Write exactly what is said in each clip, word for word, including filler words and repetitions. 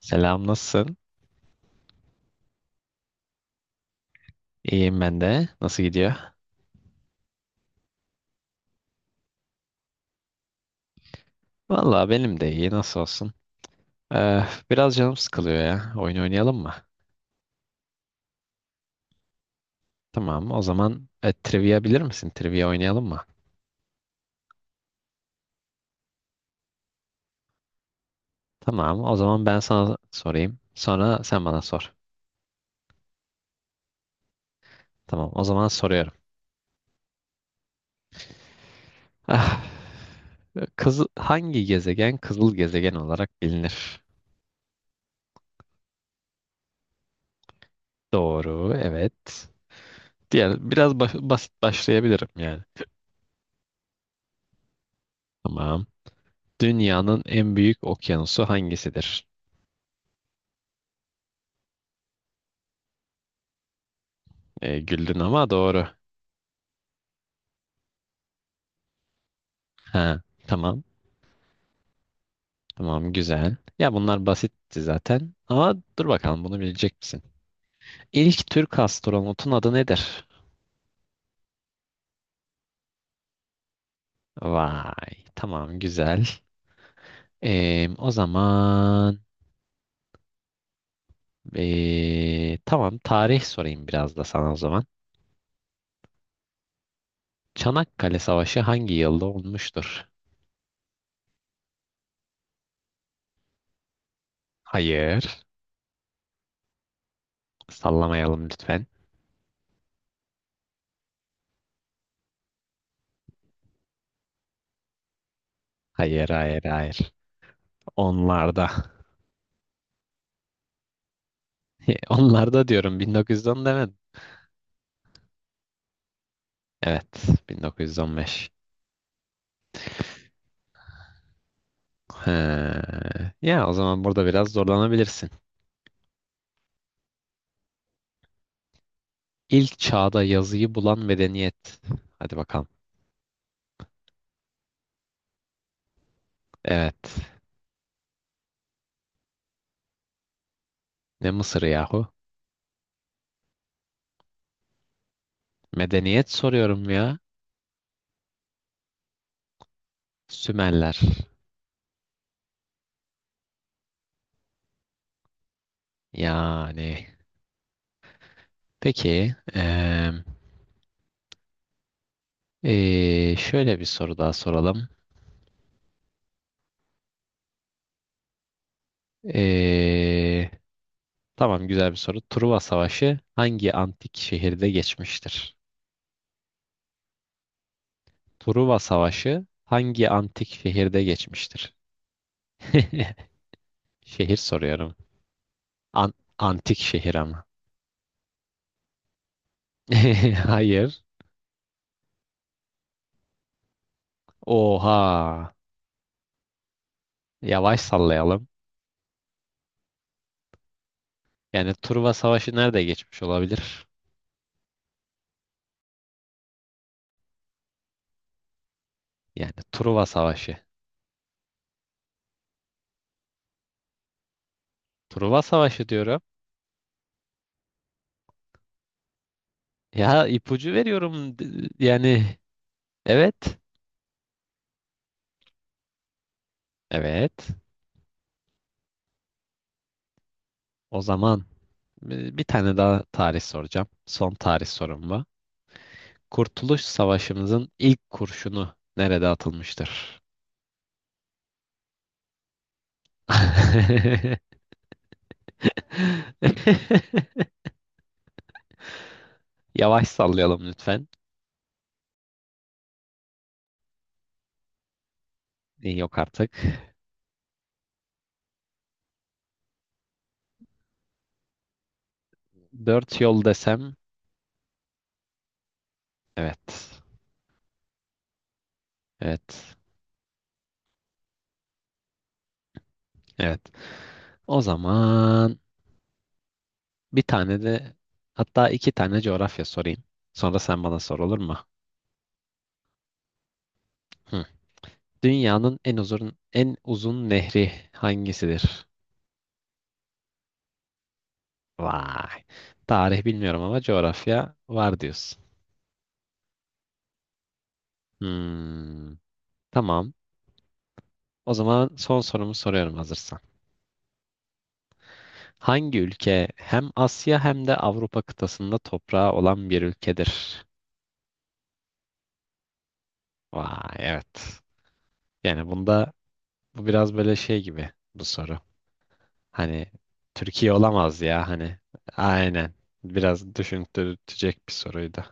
Selam, nasılsın? İyiyim ben de. Nasıl gidiyor? Vallahi benim de iyi. Nasıl olsun? Ee, biraz canım sıkılıyor ya. Oyun oynayalım mı? Tamam. O zaman e, trivia bilir misin? Trivia oynayalım mı? Tamam. O zaman ben sana sorayım. Sonra sen bana sor. Tamam. O zaman soruyorum. Ah, kızı- hangi gezegen kızıl gezegen olarak bilinir? Doğru. Evet. Diğer biraz ba- basit başlayabilirim yani. Tamam. Dünyanın en büyük okyanusu hangisidir? E, güldün ama doğru. Ha, tamam. Tamam güzel. Ya bunlar basitti zaten. Ama dur bakalım bunu bilecek misin? İlk Türk astronotun adı nedir? Vay. Tamam güzel. E, o zaman e, tamam tarih sorayım biraz da sana o zaman. Çanakkale Savaşı hangi yılda olmuştur? Hayır. Sallamayalım lütfen. Hayır hayır hayır. Onlarda. Onlarda diyorum bin dokuz yüz on demedim. Evet, bin dokuz yüz on beş. He. Ya o zaman burada biraz zorlanabilirsin. İlk çağda yazıyı bulan medeniyet. Hadi bakalım. Evet. Ne Mısır yahu? Medeniyet soruyorum ya. Sümerler. Yani. Peki. em, eee, şöyle bir soru daha soralım. Eee, tamam güzel bir soru. Truva Savaşı hangi antik şehirde geçmiştir? Truva Savaşı hangi antik şehirde geçmiştir? Şehir soruyorum. An- antik şehir ama. Hayır. Oha. Yavaş sallayalım. Yani Truva Savaşı nerede geçmiş olabilir? Yani Truva Savaşı. Truva Savaşı diyorum. Ya ipucu veriyorum. D- Yani evet. Evet. O zaman e, bir tane daha tarih soracağım. Son tarih sorum bu. Kurtuluş Savaşımızın ilk kurşunu nerede atılmıştır? Yavaş sallayalım lütfen. E, Yok artık. Dört yol desem evet. Evet. Evet. O zaman bir tane de hatta iki tane coğrafya sorayım. Sonra sen bana sor olur mu? Hı. Dünyanın en uzun en uzun nehri hangisidir? Vay. Tarih bilmiyorum ama coğrafya var diyorsun. Hmm. Tamam. O zaman son sorumu soruyorum hazırsan. Hangi ülke hem Asya hem de Avrupa kıtasında toprağı olan bir ülkedir? Vay evet. Yani bunda bu biraz böyle şey gibi bu soru. Hani Türkiye olamaz ya hani. Aynen. Biraz düşündürtecek bir soruydu.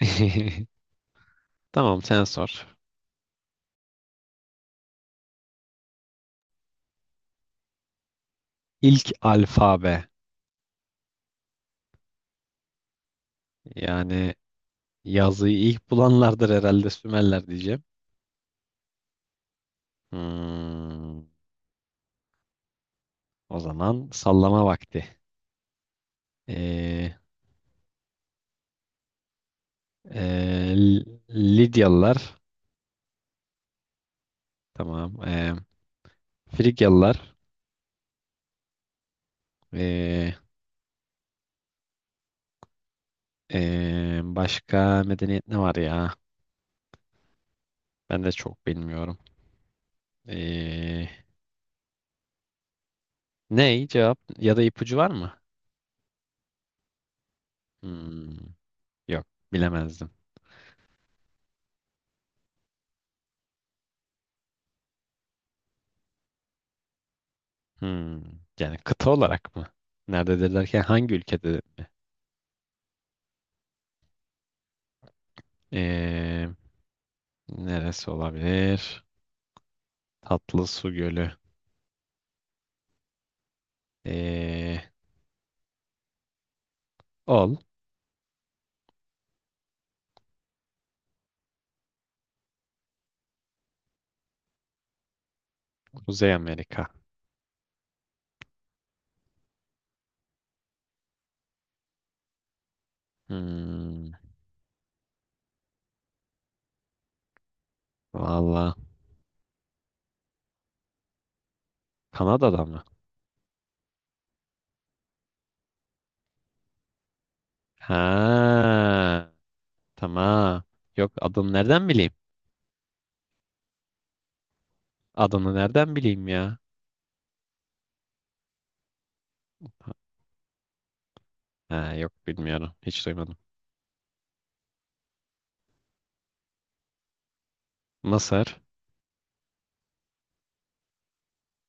Tamam sen sor. İlk alfabe yani yazıyı ilk bulanlardır herhalde Sümerler diyeceğim. Hmm, o zaman sallama vakti. Ee, e, L- Lidyalılar tamam. Ee, Frigyalılar ee, ee, başka medeniyet ne var ya? Ben de çok bilmiyorum. Ee, ne cevap ya da ipucu var mı? Hmm, yok bilemezdim. Hmm, yani kıta olarak mı? Nerededir derken hangi ülkede? Ee, neresi olabilir? Tatlı Su Gölü. Ee, ol. Kuzey Amerika. Hmm, valla Kanada'da mı? Ha, tamam. Yok adını nereden bileyim? Adını nereden bileyim ya? Ha, yok bilmiyorum. Hiç duymadım. Mısır.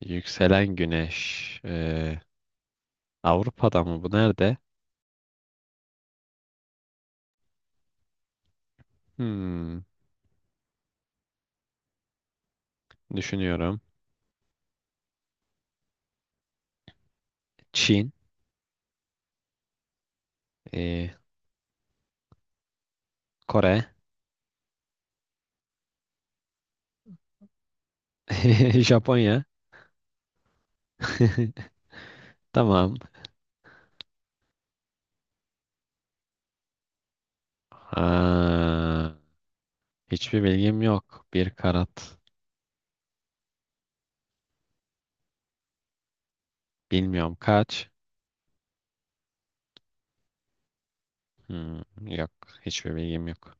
Yükselen güneş. Ee, Avrupa'da mı bu? Nerede? Hmm, düşünüyorum. Çin, ee, Kore, Japonya. Tamam. Aa, hiçbir bilgim yok. Bir karat. Bilmiyorum kaç. Hmm, yok. Hiçbir bilgim yok.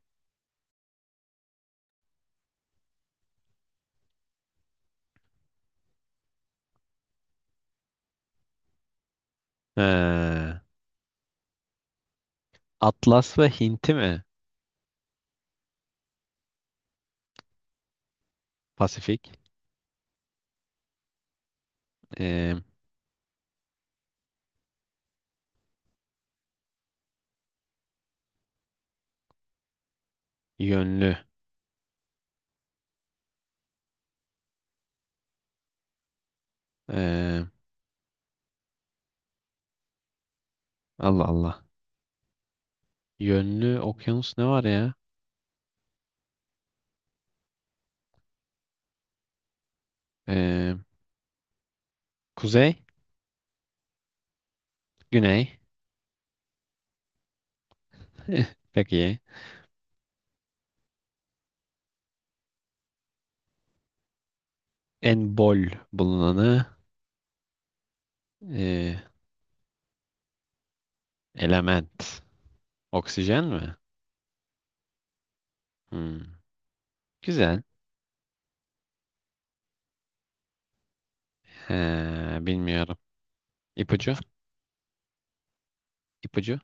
Ee, Atlas ve Hint'i mi? Pasifik. Ee, yönlü. Ee, Allah Allah. Yönlü okyanus ne var ya? Ee, kuzey, güney. Eh, peki. En bol bulunanı e, element. Oksijen mi? Hmm, güzel. He, bilmiyorum. İpucu? İpucu?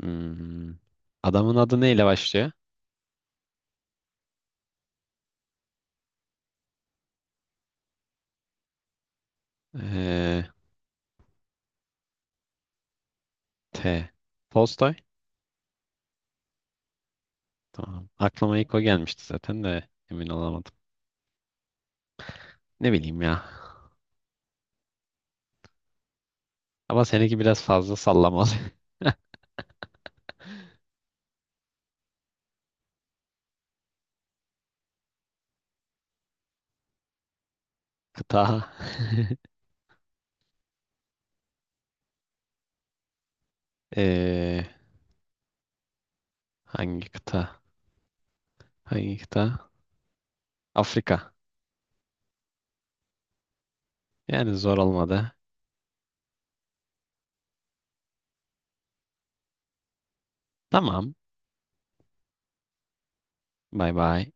Hmm, Adamın adı neyle başlıyor? Ee, T. Tolstoy. Tamam. Aklıma ilk o gelmişti zaten de emin olamadım. Ne bileyim ya. Ama seninki biraz fazla sallamalı. Kıta. Ee, hangi kıta? Hangi kıta? Afrika. Yani zor olmadı. Tamam. Bay bay.